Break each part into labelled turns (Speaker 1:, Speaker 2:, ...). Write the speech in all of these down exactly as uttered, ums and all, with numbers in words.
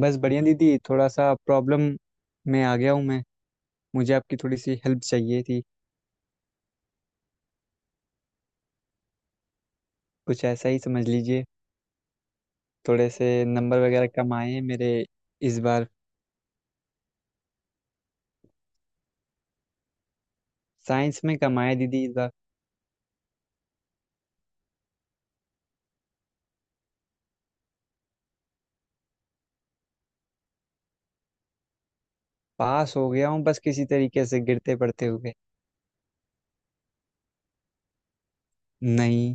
Speaker 1: बस बढ़िया दीदी, थोड़ा सा प्रॉब्लम में आ गया हूँ मैं। मुझे आपकी थोड़ी सी हेल्प चाहिए थी। कुछ ऐसा ही समझ लीजिए। थोड़े से नंबर वगैरह कम आए हैं मेरे इस बार। साइंस में कम आए दीदी इस बार। पास हो गया हूँ बस किसी तरीके से गिरते पड़ते हुए। नहीं।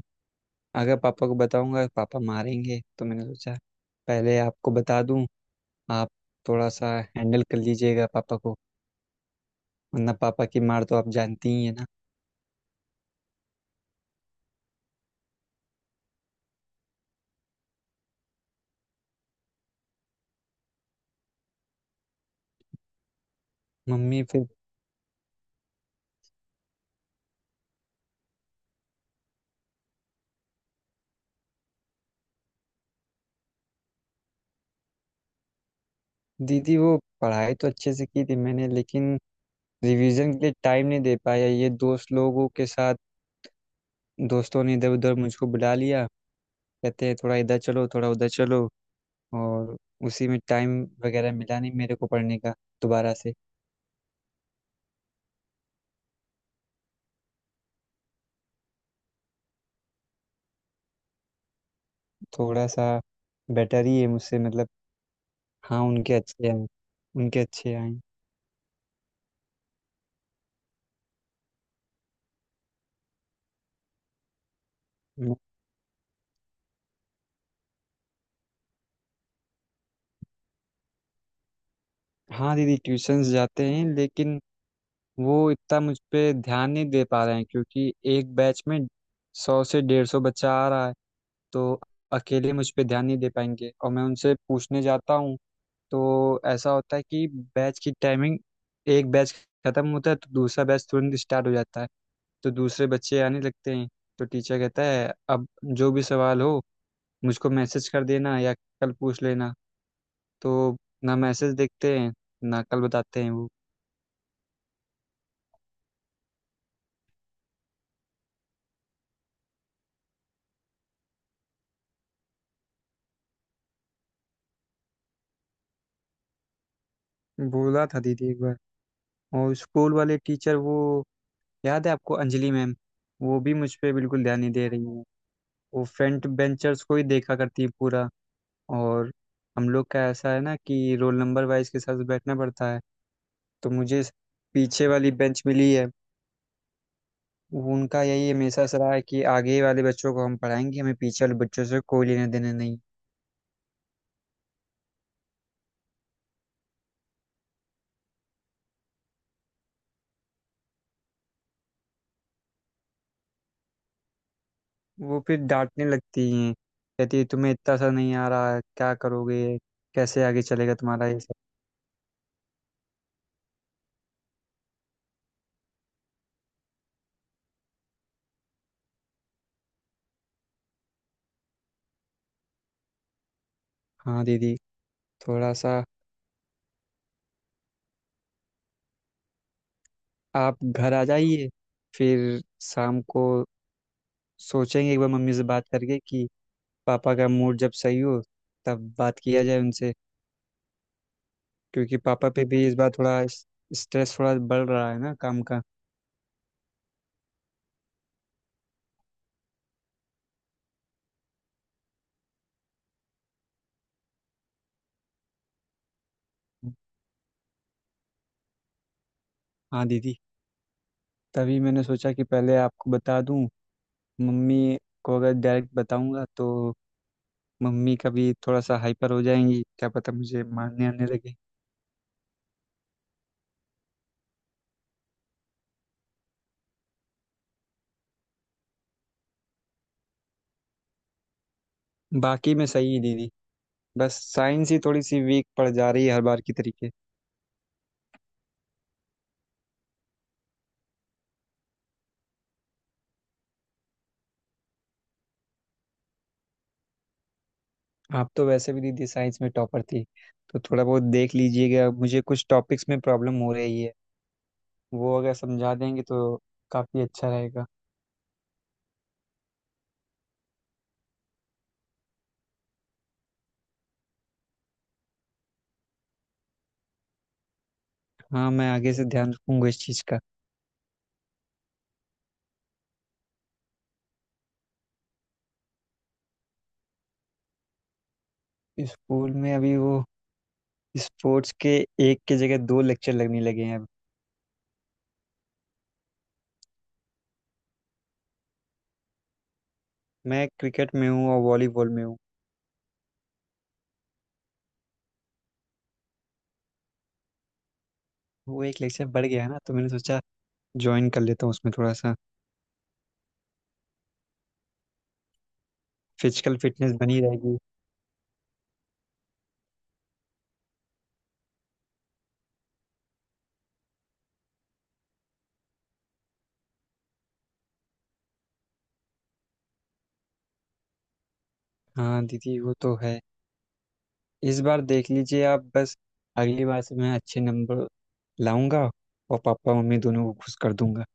Speaker 1: अगर पापा को बताऊंगा पापा मारेंगे, तो मैंने सोचा पहले आपको बता दूं। आप थोड़ा सा हैंडल कर लीजिएगा पापा को, वरना पापा की मार तो आप जानती ही है ना। मम्मी फिर? दीदी, वो पढ़ाई तो अच्छे से की थी मैंने, लेकिन रिवीजन के लिए टाइम नहीं दे पाया ये दोस्त लोगों के साथ। दोस्तों ने इधर उधर मुझको बुला लिया। कहते हैं थोड़ा इधर चलो थोड़ा उधर चलो, और उसी में टाइम वगैरह मिला नहीं मेरे को पढ़ने का दोबारा से। थोड़ा सा बेटर ही है मुझसे, मतलब। हाँ, उनके अच्छे हैं। उनके अच्छे आए। मैं- हाँ दीदी, ट्यूशंस जाते हैं लेकिन वो इतना मुझ पे ध्यान नहीं दे पा रहे हैं क्योंकि एक बैच में सौ से डेढ़ सौ बच्चा आ रहा है। तो अकेले मुझ पे ध्यान नहीं दे पाएंगे, और मैं उनसे पूछने जाता हूँ तो ऐसा होता है कि बैच की टाइमिंग, एक बैच खत्म होता है तो दूसरा बैच तुरंत स्टार्ट हो जाता है, तो दूसरे बच्चे आने लगते हैं। तो टीचर कहता है अब जो भी सवाल हो मुझको मैसेज कर देना या कल पूछ लेना। तो ना मैसेज देखते हैं ना कल बताते हैं वो। बोला था दीदी एक बार। और स्कूल वाले टीचर वो, याद है आपको अंजलि मैम? वो भी मुझ पर बिल्कुल ध्यान नहीं दे रही है। वो फ्रंट बेंचर्स को ही देखा करती है पूरा। और हम लोग का ऐसा है ना कि रोल नंबर वाइज के साथ बैठना पड़ता है। तो मुझे इस पीछे वाली बेंच मिली है। उनका यही हमेशा से रहा है कि आगे वाले बच्चों को हम पढ़ाएंगे, हमें पीछे वाले बच्चों से कोई लेने देने नहीं। वो फिर डांटने लगती हैं। कहती है तुम्हें इतना सा नहीं आ रहा है, क्या करोगे, कैसे आगे चलेगा तुम्हारा ये सब। हाँ दीदी। थोड़ा सा आप घर आ जाइए, फिर शाम को सोचेंगे एक बार मम्मी से बात करके कि पापा का मूड जब सही हो तब बात किया जाए उनसे। क्योंकि पापा पे भी इस बार थोड़ा स्ट्रेस थोड़ा बढ़ रहा है ना काम का। हाँ दीदी, तभी मैंने सोचा कि पहले आपको बता दूं। मम्मी को अगर डायरेक्ट बताऊंगा तो मम्मी कभी थोड़ा सा हाइपर हो जाएंगी, क्या पता मुझे मारने आने लगे। बाकी मैं सही ही दीदी। बस साइंस ही थोड़ी सी वीक पड़ जा रही है हर बार की तरीके। आप तो वैसे भी दीदी साइंस में टॉपर थी, तो थोड़ा बहुत देख लीजिएगा। मुझे कुछ टॉपिक्स में प्रॉब्लम हो रही है, वो अगर समझा देंगे तो काफ़ी अच्छा रहेगा। हाँ, मैं आगे से ध्यान रखूंगा इस चीज़ का। स्कूल में अभी वो स्पोर्ट्स के एक के जगह दो लेक्चर लगने लगे हैं अब। मैं क्रिकेट में हूँ और वॉलीबॉल में हूँ। वो एक लेक्चर बढ़ गया है ना, तो मैंने सोचा ज्वाइन कर लेता हूँ उसमें थोड़ा सा। फिजिकल फिटनेस बनी रहेगी। हाँ दीदी, वो तो है। इस बार देख लीजिए आप बस, अगली बार से मैं अच्छे नंबर लाऊंगा, और पापा मम्मी दोनों को खुश कर दूंगा।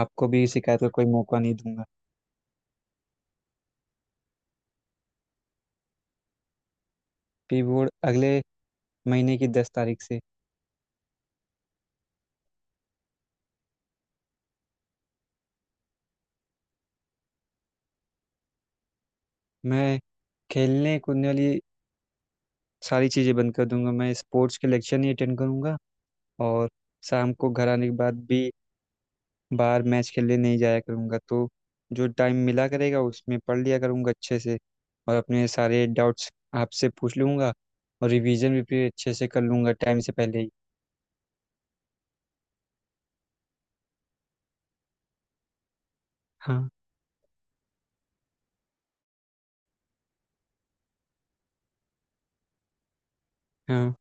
Speaker 1: आपको भी शिकायत का कोई मौका नहीं दूंगा। पी बोर्ड अगले महीने की दस तारीख से। मैं खेलने कूदने वाली सारी चीज़ें बंद कर दूंगा, मैं स्पोर्ट्स के लेक्चर नहीं अटेंड करूंगा, और शाम को घर आने के बाद भी बाहर मैच खेलने नहीं जाया करूंगा, तो जो टाइम मिला करेगा उसमें पढ़ लिया करूंगा अच्छे से, और अपने सारे डाउट्स आपसे पूछ लूंगा, और रिवीजन भी फिर अच्छे से कर लूंगा टाइम से पहले ही। हाँ, हाँ,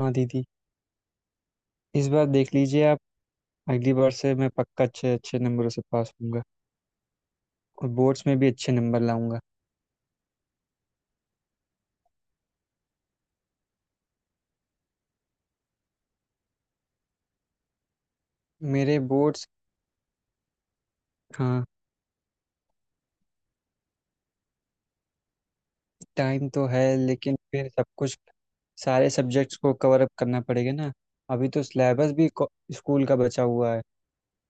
Speaker 1: हाँ दीदी, इस बार देख लीजिए आप, अगली बार से मैं पक्का अच्छे अच्छे नंबरों से पास होऊंगा, और बोर्ड्स में भी अच्छे नंबर लाऊंगा। मेरे बोर्ड्स? हाँ। टाइम तो है लेकिन फिर सब कुछ, सारे सब्जेक्ट्स को कवर अप करना पड़ेगा ना। अभी तो सिलेबस भी को- स्कूल का बचा हुआ है।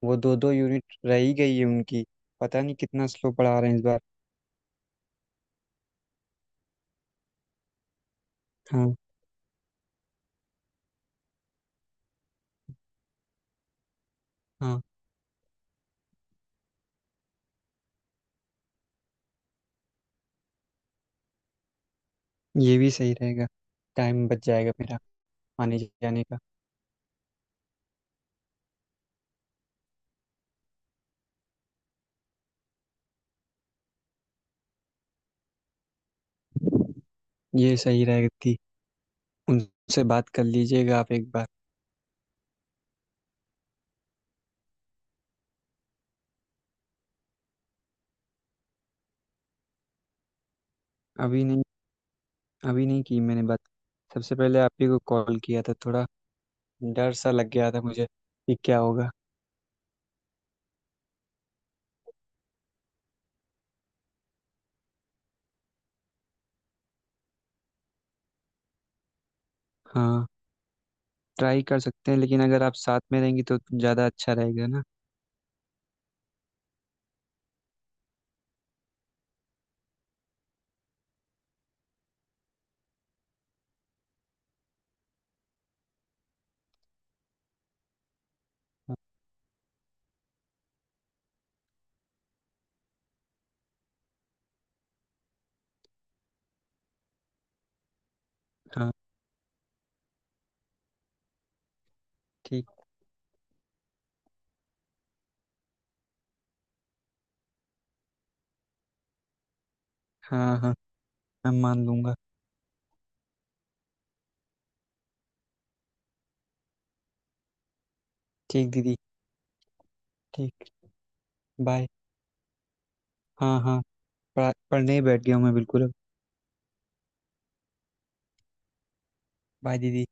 Speaker 1: वो दो दो यूनिट रह ही गई है उनकी। पता नहीं कितना स्लो पढ़ा रहे हैं इस बार। हाँ हाँ, ये भी सही रहेगा। टाइम बच जाएगा मेरा आने जाने का। ये सही रहेगा थी। उनसे बात कर लीजिएगा आप एक बार। अभी नहीं। अभी नहीं की मैंने बात। सबसे पहले आप ही को कॉल किया था। थोड़ा डर सा लग गया था मुझे कि क्या होगा। हाँ, ट्राई कर सकते हैं लेकिन अगर आप साथ में रहेंगी तो ज़्यादा अच्छा रहेगा ना। हाँ। ठीक। हाँ हाँ, मैं मान लूँगा। ठीक दीदी। ठीक। बाय। हाँ हाँ, पढ़ा- पढ़ने ही बैठ गया हूँ मैं बिल्कुल अब। बाय दीदी।